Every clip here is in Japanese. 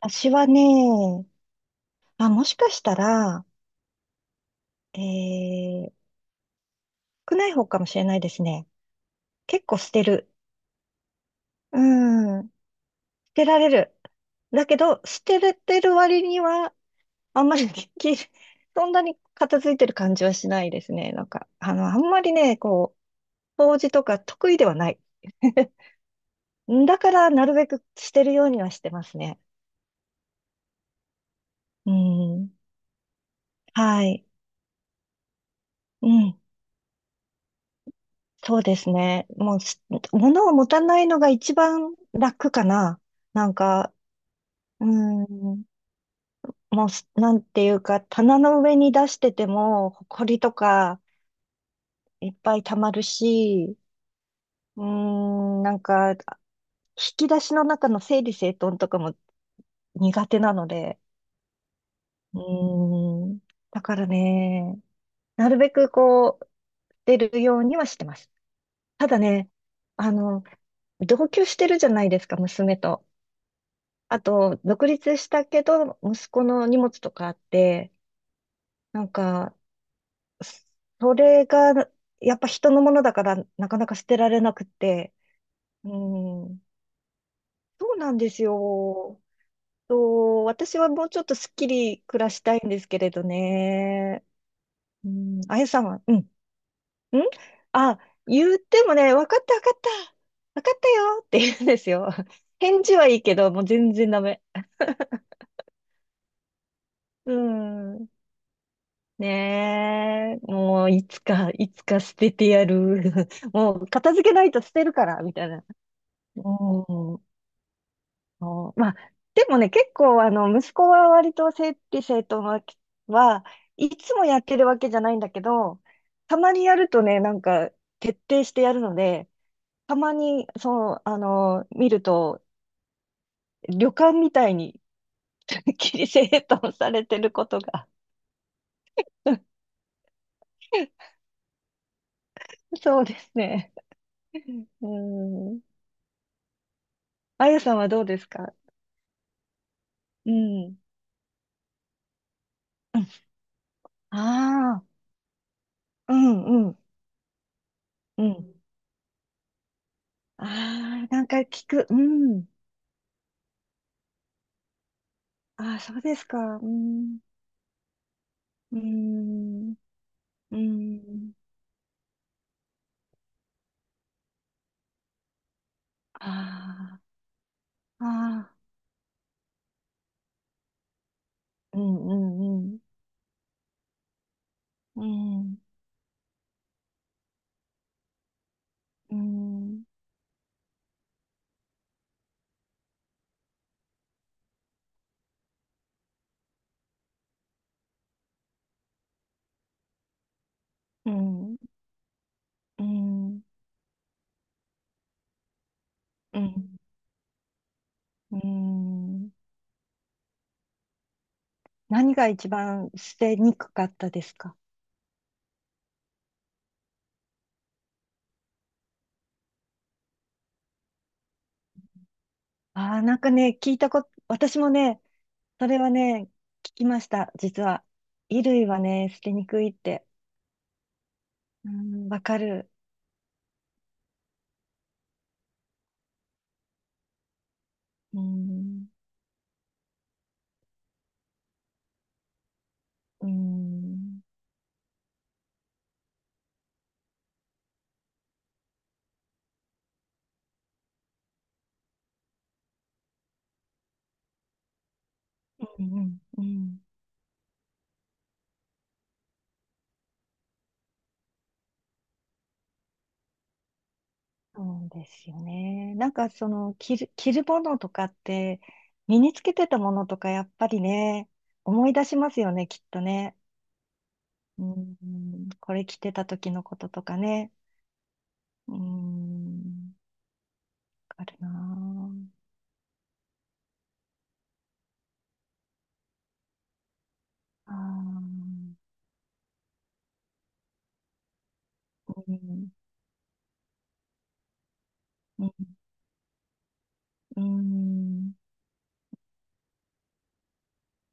私はね、あ、もしかしたら、えー、少ない方かもしれないですね。結構捨てる。うん、捨てられる。だけど、捨てれてる割には、あんまりできる。そんなに片付いてる感じはしないですね。なんか、あんまりね、こう、掃除とか得意ではない。だから、なるべく捨てるようにはしてますね。うん、はい。うん。そうですね。もうす、物を持たないのが一番楽かな。なんか、うーん、もうす、なんていうか、棚の上に出してても、埃とかいっぱい溜まるし、なんか、引き出しの中の整理整頓とかも苦手なので、うーん、だからね、なるべくこう、出るようにはしてます。ただね、あの、同居してるじゃないですか、娘と。あと、独立したけど、息子の荷物とかあって、なんか、それが、やっぱ人のものだから、なかなか捨てられなくって、うん、そうなんですよ。私はもうちょっとすっきり暮らしたいんですけれどね。うん、あやさんは、うん、うん、あ、言ってもね、わかったわかった、わかったよって言うんですよ。返事はいいけど、もう全然ダメ。うん。ねえ、もういつか、いつか捨ててやる。もう片付けないと捨てるから、みたいな。うん。そうんまあ、でもね、結構、息子は割と整理整頓はいつもやってるわけじゃないんだけど、たまにやるとね、なんか、徹底してやるので、たまに、そう、見ると、旅館みたいに きり整頓されてることが。そうですね。うん。あやさんはどうですか？うん。うんああー、うんうん、うん。ああ、なんか聞く。うん。ああ、そうですか。うん。うん。うん。ああ、ああ、うんうんうん。うん。うん。うん。うん。うんうん。何が一番捨てにくかったですか？ああなんかね、聞いたこと、私もね、それはね、聞きました、実は。衣類はね、捨てにくいって。うん、わかる。うん、うん、うん、うん。そうですよね。なんかその着るものとかって、身につけてたものとかやっぱりね、思い出しますよね、きっとね。うん、これ着てた時のこととかね。うん、わかるなあ。あーうん、うん、うん、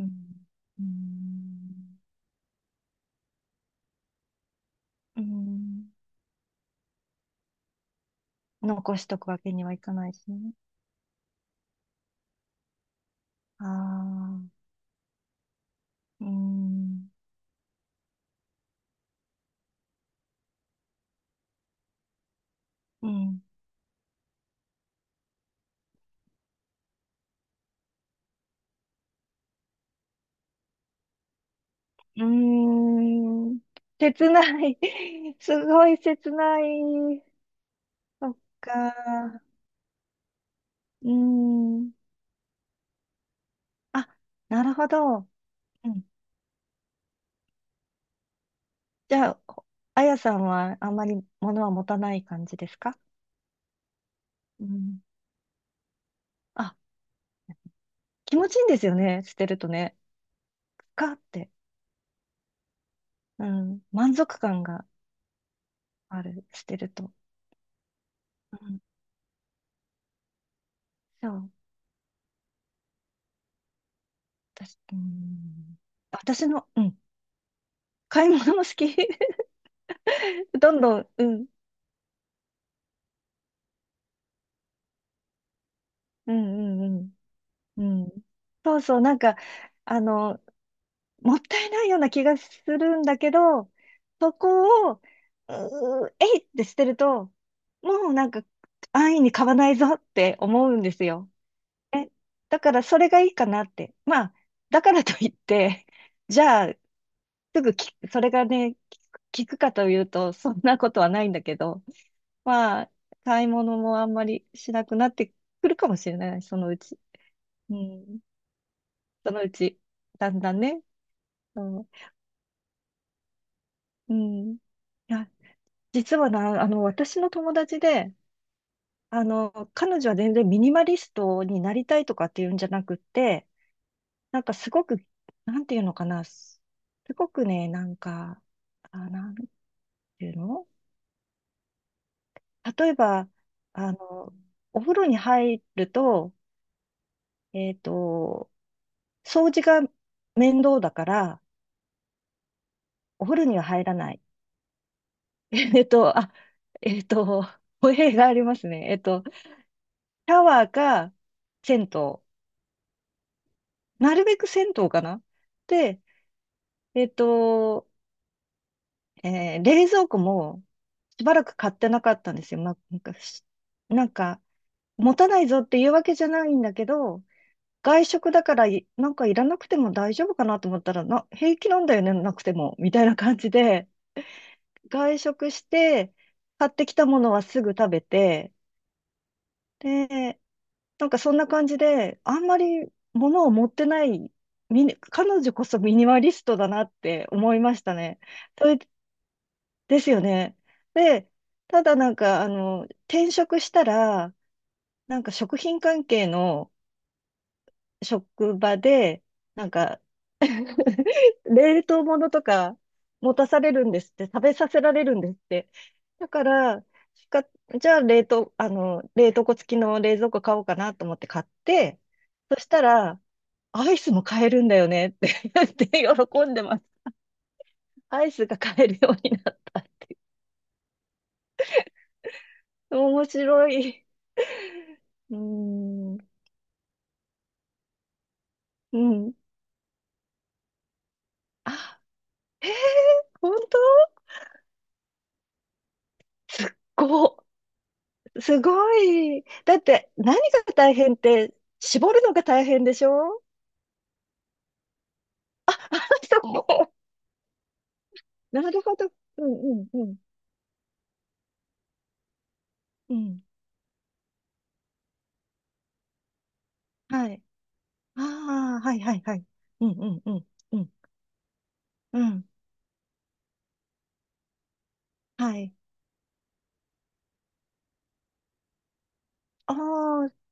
うん、うん、うん、残しとくわけにはいかないしね。ああ、うん、うん。うーん。切ない。すごい切ない。そっか。うーん。あ、なるほど。うん。じゃあ、あやさんはあんまり物は持たない感じですか？うん。あ、気持ちいいんですよね。捨てるとね。かって。うん。満足感がある。捨てると。うん。そう。私、うん。私の、うん。買い物も好き。どんどん、うん、うん、うん、うん。うん、そうそう、なんか、あの、もったいないような気がするんだけど、そこを、えいって捨てると、もうなんか、安易に買わないぞって思うんですよ。え、だからそれがいいかなって。まあ、だからといって、じゃあ、すぐき、それがね、き効くかというと、そんなことはないんだけど、まあ、買い物もあんまりしなくなってくるかもしれない、そのうち。うん。そのうち、だんだんね。そう。うん。いや、実はな、私の友達で、彼女は全然ミニマリストになりたいとかっていうんじゃなくって、なんかすごく、なんていうのかな、すごくね、なんか、あ、なんていうの、例えば、あの、お風呂に入ると、えっと、掃除が面倒だから、お風呂には入らない。あ、えっと、お部屋がありますね。シャワーか銭湯。なるべく銭湯かな。で、えっと、冷蔵庫もしばらく買ってなかったんですよ。ま、なんか、しなんか、持たないぞっていうわけじゃないんだけど、外食だからいなんかいらなくても大丈夫かなと思ったら、平気なんだよね、なくても、みたいな感じで、外食して、買ってきたものはすぐ食べて、で、なんかそんな感じで、あんまり物を持ってない、彼女こそミニマリストだなって思いましたね。それですよね。で、ただなんか、転職したら、なんか食品関係の職場で、なんか 冷凍物とか持たされるんですって、食べさせられるんですって。だから、しか、じゃあ冷凍庫付きの冷蔵庫買おうかなと思って買って、そしたら、アイスも買えるんだよねって 言って喜んでます。アイスが買えるようになった。面白い。うーん、うん。あ、へえ、本当すっごい。すごい。だって、何が大変って、絞るのが大変でしょ？あ、あ、そこ。なるほど。うんうんうん。うん。はい。ああ、はいはいはい。うんうんうんうん。うん。はい。ああ、うん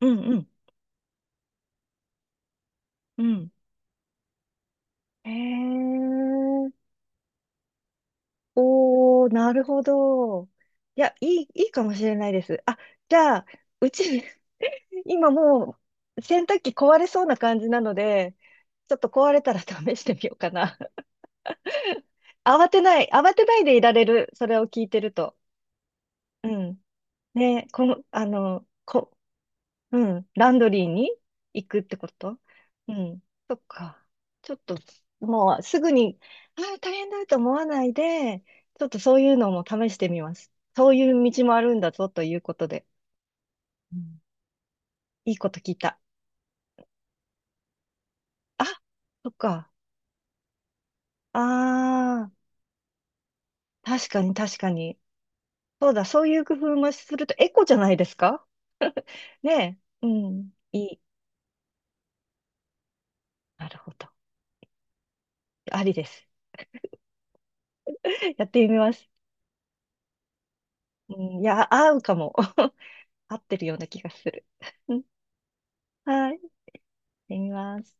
うんうんうん。へえ。おお、なるほど。いや、いい、いいかもしれないです。あ、じゃあ、うち、今もう洗濯機壊れそうな感じなので、ちょっと壊れたら試してみようかな。慌てない、慌てないでいられる、それを聞いてると。うん。ね、この、うん、ランドリーに行くってこと？うん。そっか。ちょっと、もうすぐに、大変だと思わないで、ちょっとそういうのも試してみます。そういう道もあるんだぞということで。うん、いいこと聞いた。あ、そっか。ああ、確かに確かに。そうだ、そういう工夫もするとエコじゃないですか？ねえ。うん。いい。なるほど。ありです。やってみます。うん、いや、合うかも。合ってるような気がする。うん、はい。やってみます。